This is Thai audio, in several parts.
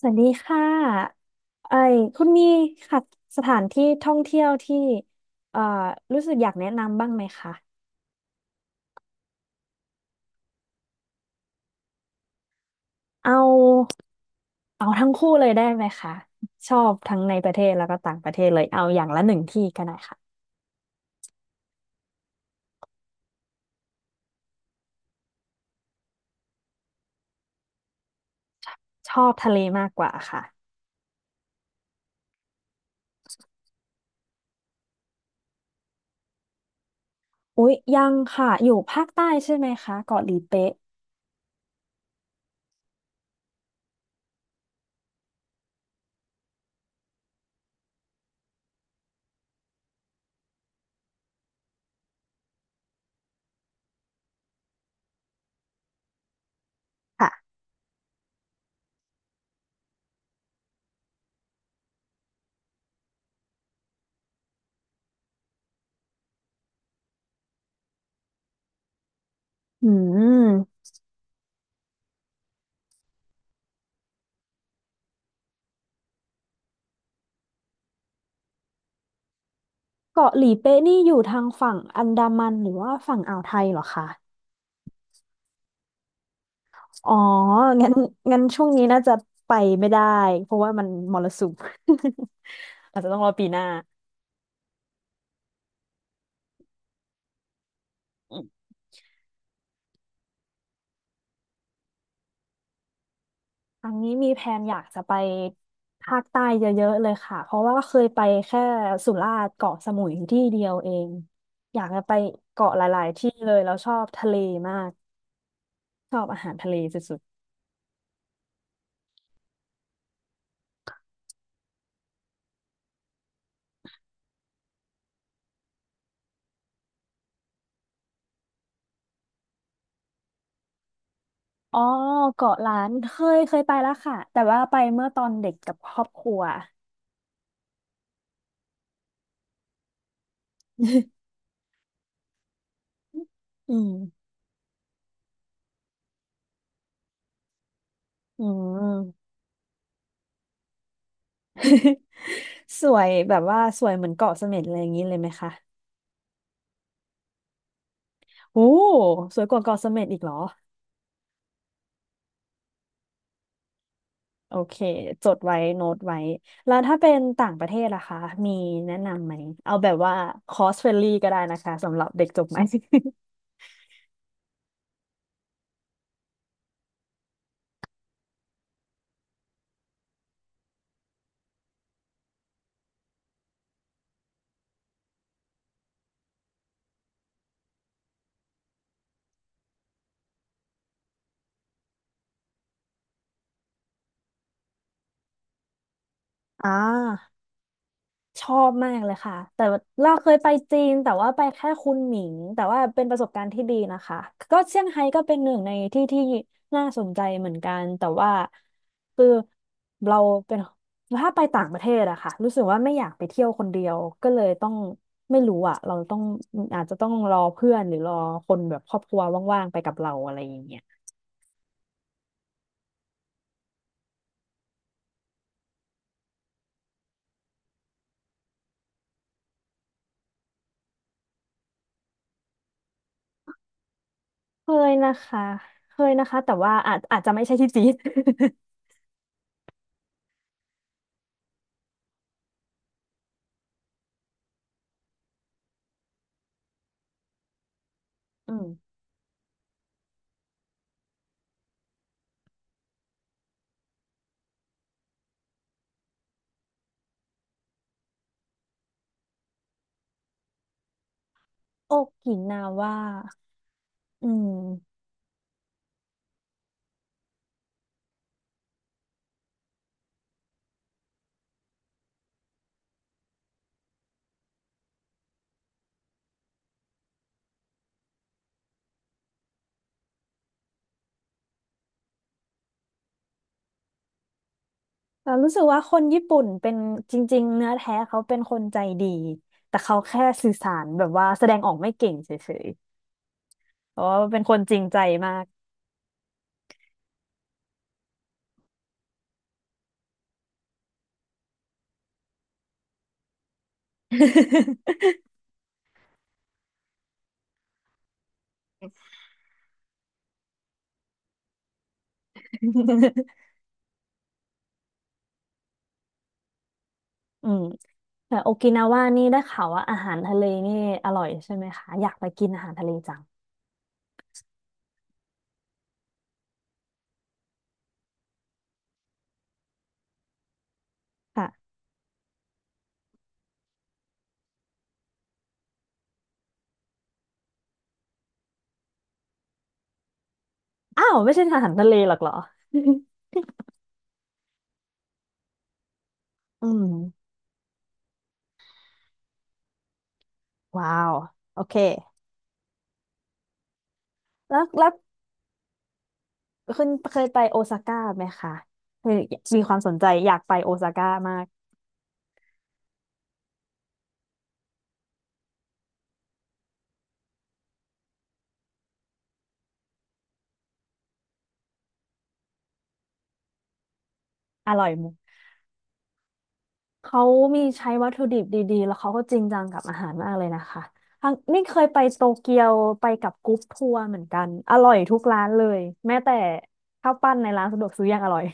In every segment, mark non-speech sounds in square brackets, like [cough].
สวัสดีค่ะไอ้คุณมีค่ะสถานที่ท่องเที่ยวที่เอ่อรู้สึกอยากแนะนำบ้างไหมคะเอาเอาทั้งคู่เลยได้ไหมคะชอบทั้งในประเทศแล้วก็ต่างประเทศเลยเอาอย่างละหนึ่งที่ก็ได้ค่ะชอบทะเลมากกว่าค่ะอุ๊ยยังค่ะอยู่ภาคใต้ใช่ไหมคะเกาะหลีเป๊ะค่ะอืมเกาะหลีเป๊ะนี่อยู่ทางฝั่งอันดามันหรือว่าฝั่งอ่าวไทยเหรอคะ อ๋องั้นงั้นช่วงนี้น่าจะไปไม่ได้เพราะว่ามันมรสุม [laughs] อาจจะต้องรอปีหน้าอืมครั้งนี้มีแพลนอยากจะไปภาคใต้เยอะๆเลยค่ะเพราะว่าเคยไปแค่สุราษฎร์เกาะสมุยที่เดียวเองอยากจะไปเกาะหลายๆที่เลยแล้วชอบทะเลมากชอบอาหารทะเลสุดๆอ๋อเกาะล้านเคยไปแล้วค่ะแต่ว่าไปเมื่อตอนเด็กกับครอบครัว [laughs] อืมอืม [laughs] สวยแบบว่าสวยเหมือนเกาะเสม็ดอะไรอย่างนี้เลยไหมคะ โอ้สวยกว่าเกาะเสม็ดอีกเหรอโอเคจดไว้โน้ตไว้แล้วถ้าเป็นต่างประเทศล่ะคะมีแนะนำไหมเอาแบบว่าคอสเฟรนลี่ก็ได้นะคะสำหรับเด็กจบใหม่ [laughs] อ่า ชอบมากเลยค่ะแต่ว่าเราเคยไปจีนแต่ว่าไปแค่คุนหมิงแต่ว่าเป็นประสบการณ์ที่ดีนะคะก็เซี่ยงไฮ้ก็เป็นหนึ่งในที่ที่น่าสนใจเหมือนกันแต่ว่าคือเราเป็นถ้าไปต่างประเทศอะค่ะรู้สึกว่าไม่อยากไปเที่ยวคนเดียวก็เลยต้องไม่รู้อะเราต้องอาจจะต้องรอเพื่อนหรือรอคนแบบครอบครัวว่างๆไปกับเราอะไรอย่างเงี้ยเคยนะคะเคยนะคะแต่ว่าอาจจะไม่ใช่ที่จีน [laughs] อืมโอกินาว่าอืม เรารู้สึกว่าคนญี่ปุ่นเป็นจริงๆเนื้อแท้เขาเป็นคนใจดีแต่เขาแค่สื่อสารแบบว่าแสดงออกไม่เก่งเฉยๆเพราะว่าเป็นคนจริงใจมาก [laughs] อืมแต่โอกินาว่านี่ได้ข่าวว่าอาหารทะเลนี่อร่อยใช่ไหมคะอยากไปกินอาหารทะเลจังค่ะอ้าวไม่ใช่อาหารทะเลหรอกเหรอ [laughs] อืมว้าวโอเคแล้วแล้วคุณเคยไปโอซาก้าไหมคะเคยมีความสนใจอยากไปโอซาก้ามากอร่อยไหม เขามีใช้วัตถุดิบดีๆแล้วเขาก็จริงจังกับอาหารมากเลยนะคะทางนี่เคยไปโตเกียวไปกับกรุ๊ปทัวร์เหมือนกันอร่อยทุกร้านเลยแม้แต่ข้าวปั้นในร้านสะดวกซื้อยังอร่อย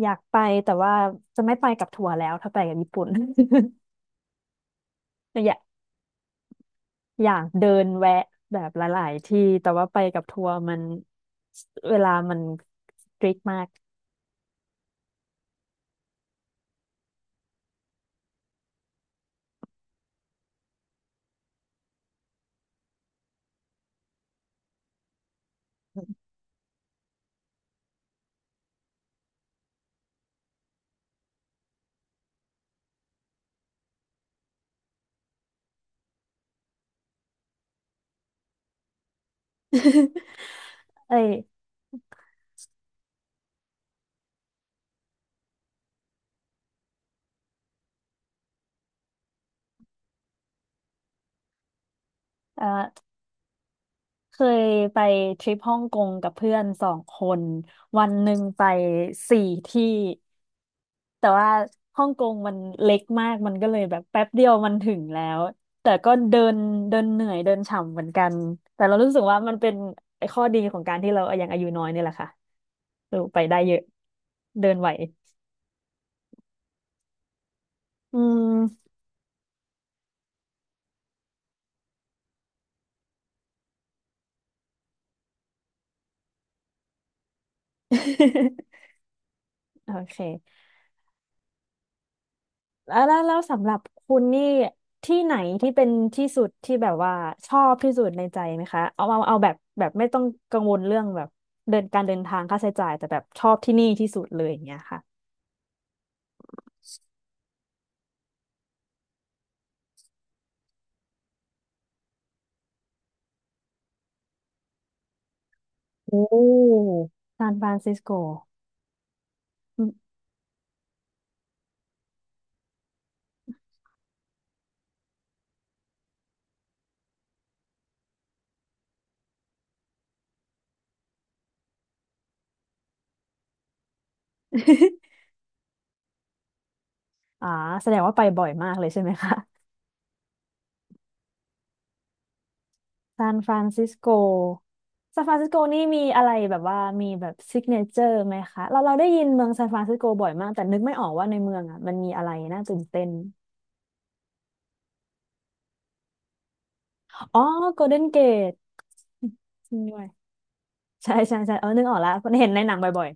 อยากไปแต่ว่าจะไม่ไปกับทัวร์แล้วถ้าไปกับญี่ปุ่น [laughs] อยากอยากเดินแวะแบบหลายๆที่แต่ว่าไปกับทัวร์มันเวลามันสตริกมาก [laughs] [laughs] เอ้ยเออเคยไปทริปฮ่องกงกับเพื่อนสองคนวันหนึ่งไปสี่ที่แต่ว่าฮ่องกงมันเล็กมากมันก็เลยแบบแป๊บเดียวมันถึงแล้วแต่ก็เดินเดินเหนื่อยเดินฉ่ำเหมือนกันแต่เรารู้สึกว่ามันเป็นไอ้ข้อดีของการที่เรายังอายุน้อยนี่แหละค่ะเออไปได้เยอะเดินไหวอืม [laughs] โอเค แล้วสำหรับคุณนี่ที่ไหนที่เป็นที่สุดที่แบบว่าชอบที่สุดในใจไหมคะเอาแบบแบบไม่ต้องกังวลเรื่องแบบเดินการเดินทางค่าใช้จ่ายแต่แบบชอบที่นี่ที่สุดเลยอย่างเงี้ยค่ะโอ้ซานฟรานซิสโก [laughs] อืม [laughs] อ่าแสดงว่าไปบ่อยมากเลยใช่ไหมคะซานฟรานซิสโกซานฟรานซิสโกนี่มีอะไรแบบว่ามีแบบซิกเนเจอร์ไหมคะเราเราได้ยินเมืองซานฟรานซิสโกบ่อยมากแต่นึกไม่ออกว่าในเมืองอ่ะมันมีอะไรน่าตื่นเต้น อ๋อ โกลเด้นเกตจริงด้วยใช่ใช่ใช่เออนึกออกแล้วมันเห็นในหนังบ่อย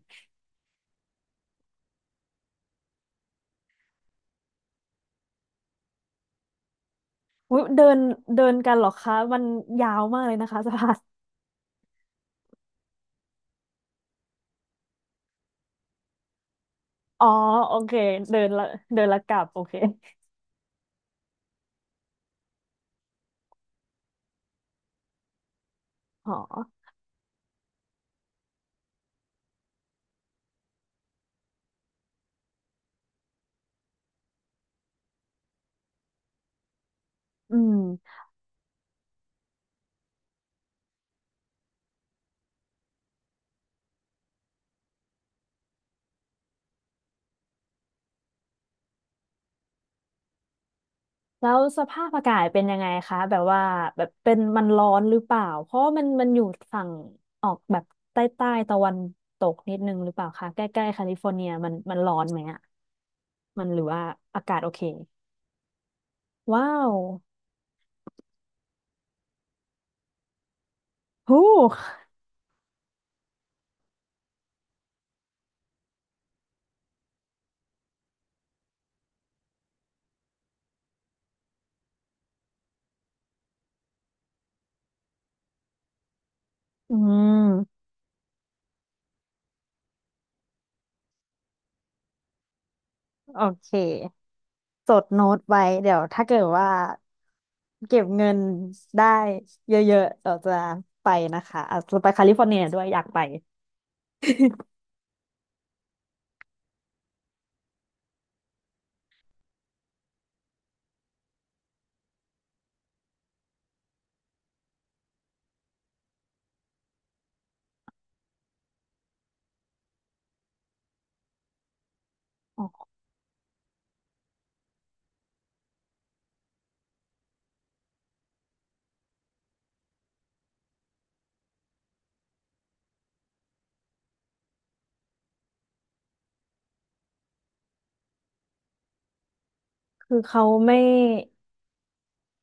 ๆอุ๊ยเดินเดินกันเหรอคะ มันยาวมากเลยนะคะ [laughs] สะพานอ๋อ โอเคเดินละเดินละกลับโอเค อ๋อ อืม แล้วสภาพอากาศเป็นยังไงคะ แบบว่าแบบเป็นมันร้อนหรือเปล่า เพราะว่ามันมันอยู่ฝั่งออกแบบใต้ใต้ตะวันตกนิดนึงหรือเปล่าคะใกล้ๆแคลิฟอร์เนียมันมันร้อนไหมอะมันหรือว่าอากาศโอเคว้าวฮู้ อืมโอเคจดโน้ตไว้เดี๋ยวถ้าเกิดว่าเก็บเงินได้เยอะๆเราจะไปนะคะอาจจะไปแคลิฟอร์เนียด้วยอยากไปอ๋อคือเขาไม่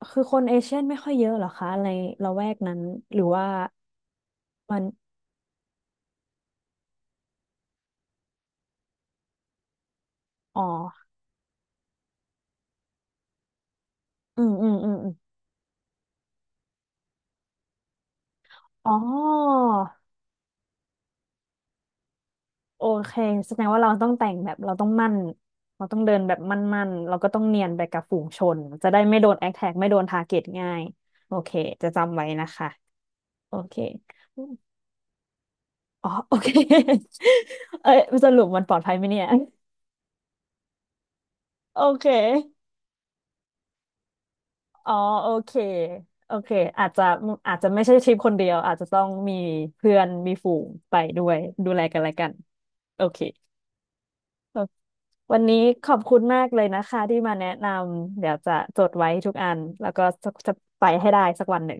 คือคนเอเชียนไม่ค่อยเยอะเหรอคะในละแวกนั้นหรือว่ามันอ๋ออืมอืมอืมอมอ๋อ โอเคแสดงว่าเราต้องแต่งแบบเราต้องมั่นเราต้องเดินแบบมั่นๆเราก็ต้องเนียนไปกับฝูงชนจะได้ไม่โดนแอคแท็กไม่โดนทาร์เก็ตง่ายโอเคจะจำไว้นะคะโอเคอ๋อโอเค [laughs] เอ้ยสรุปมันปลอดภัยไหมเนี่ยโอเคอ๋อโอเคโอเคอาจจะอาจจะไม่ใช่ทริปคนเดียวอาจจะต้องมีเพื่อนมีฝูงไปด้วยดูแลกันและกันโอเค วันนี้ขอบคุณมากเลยนะคะที่มาแนะนำเดี๋ยวจะจดไว้ทุกอันแล้วก็จะไปให้ได้สักวันหนึ่ง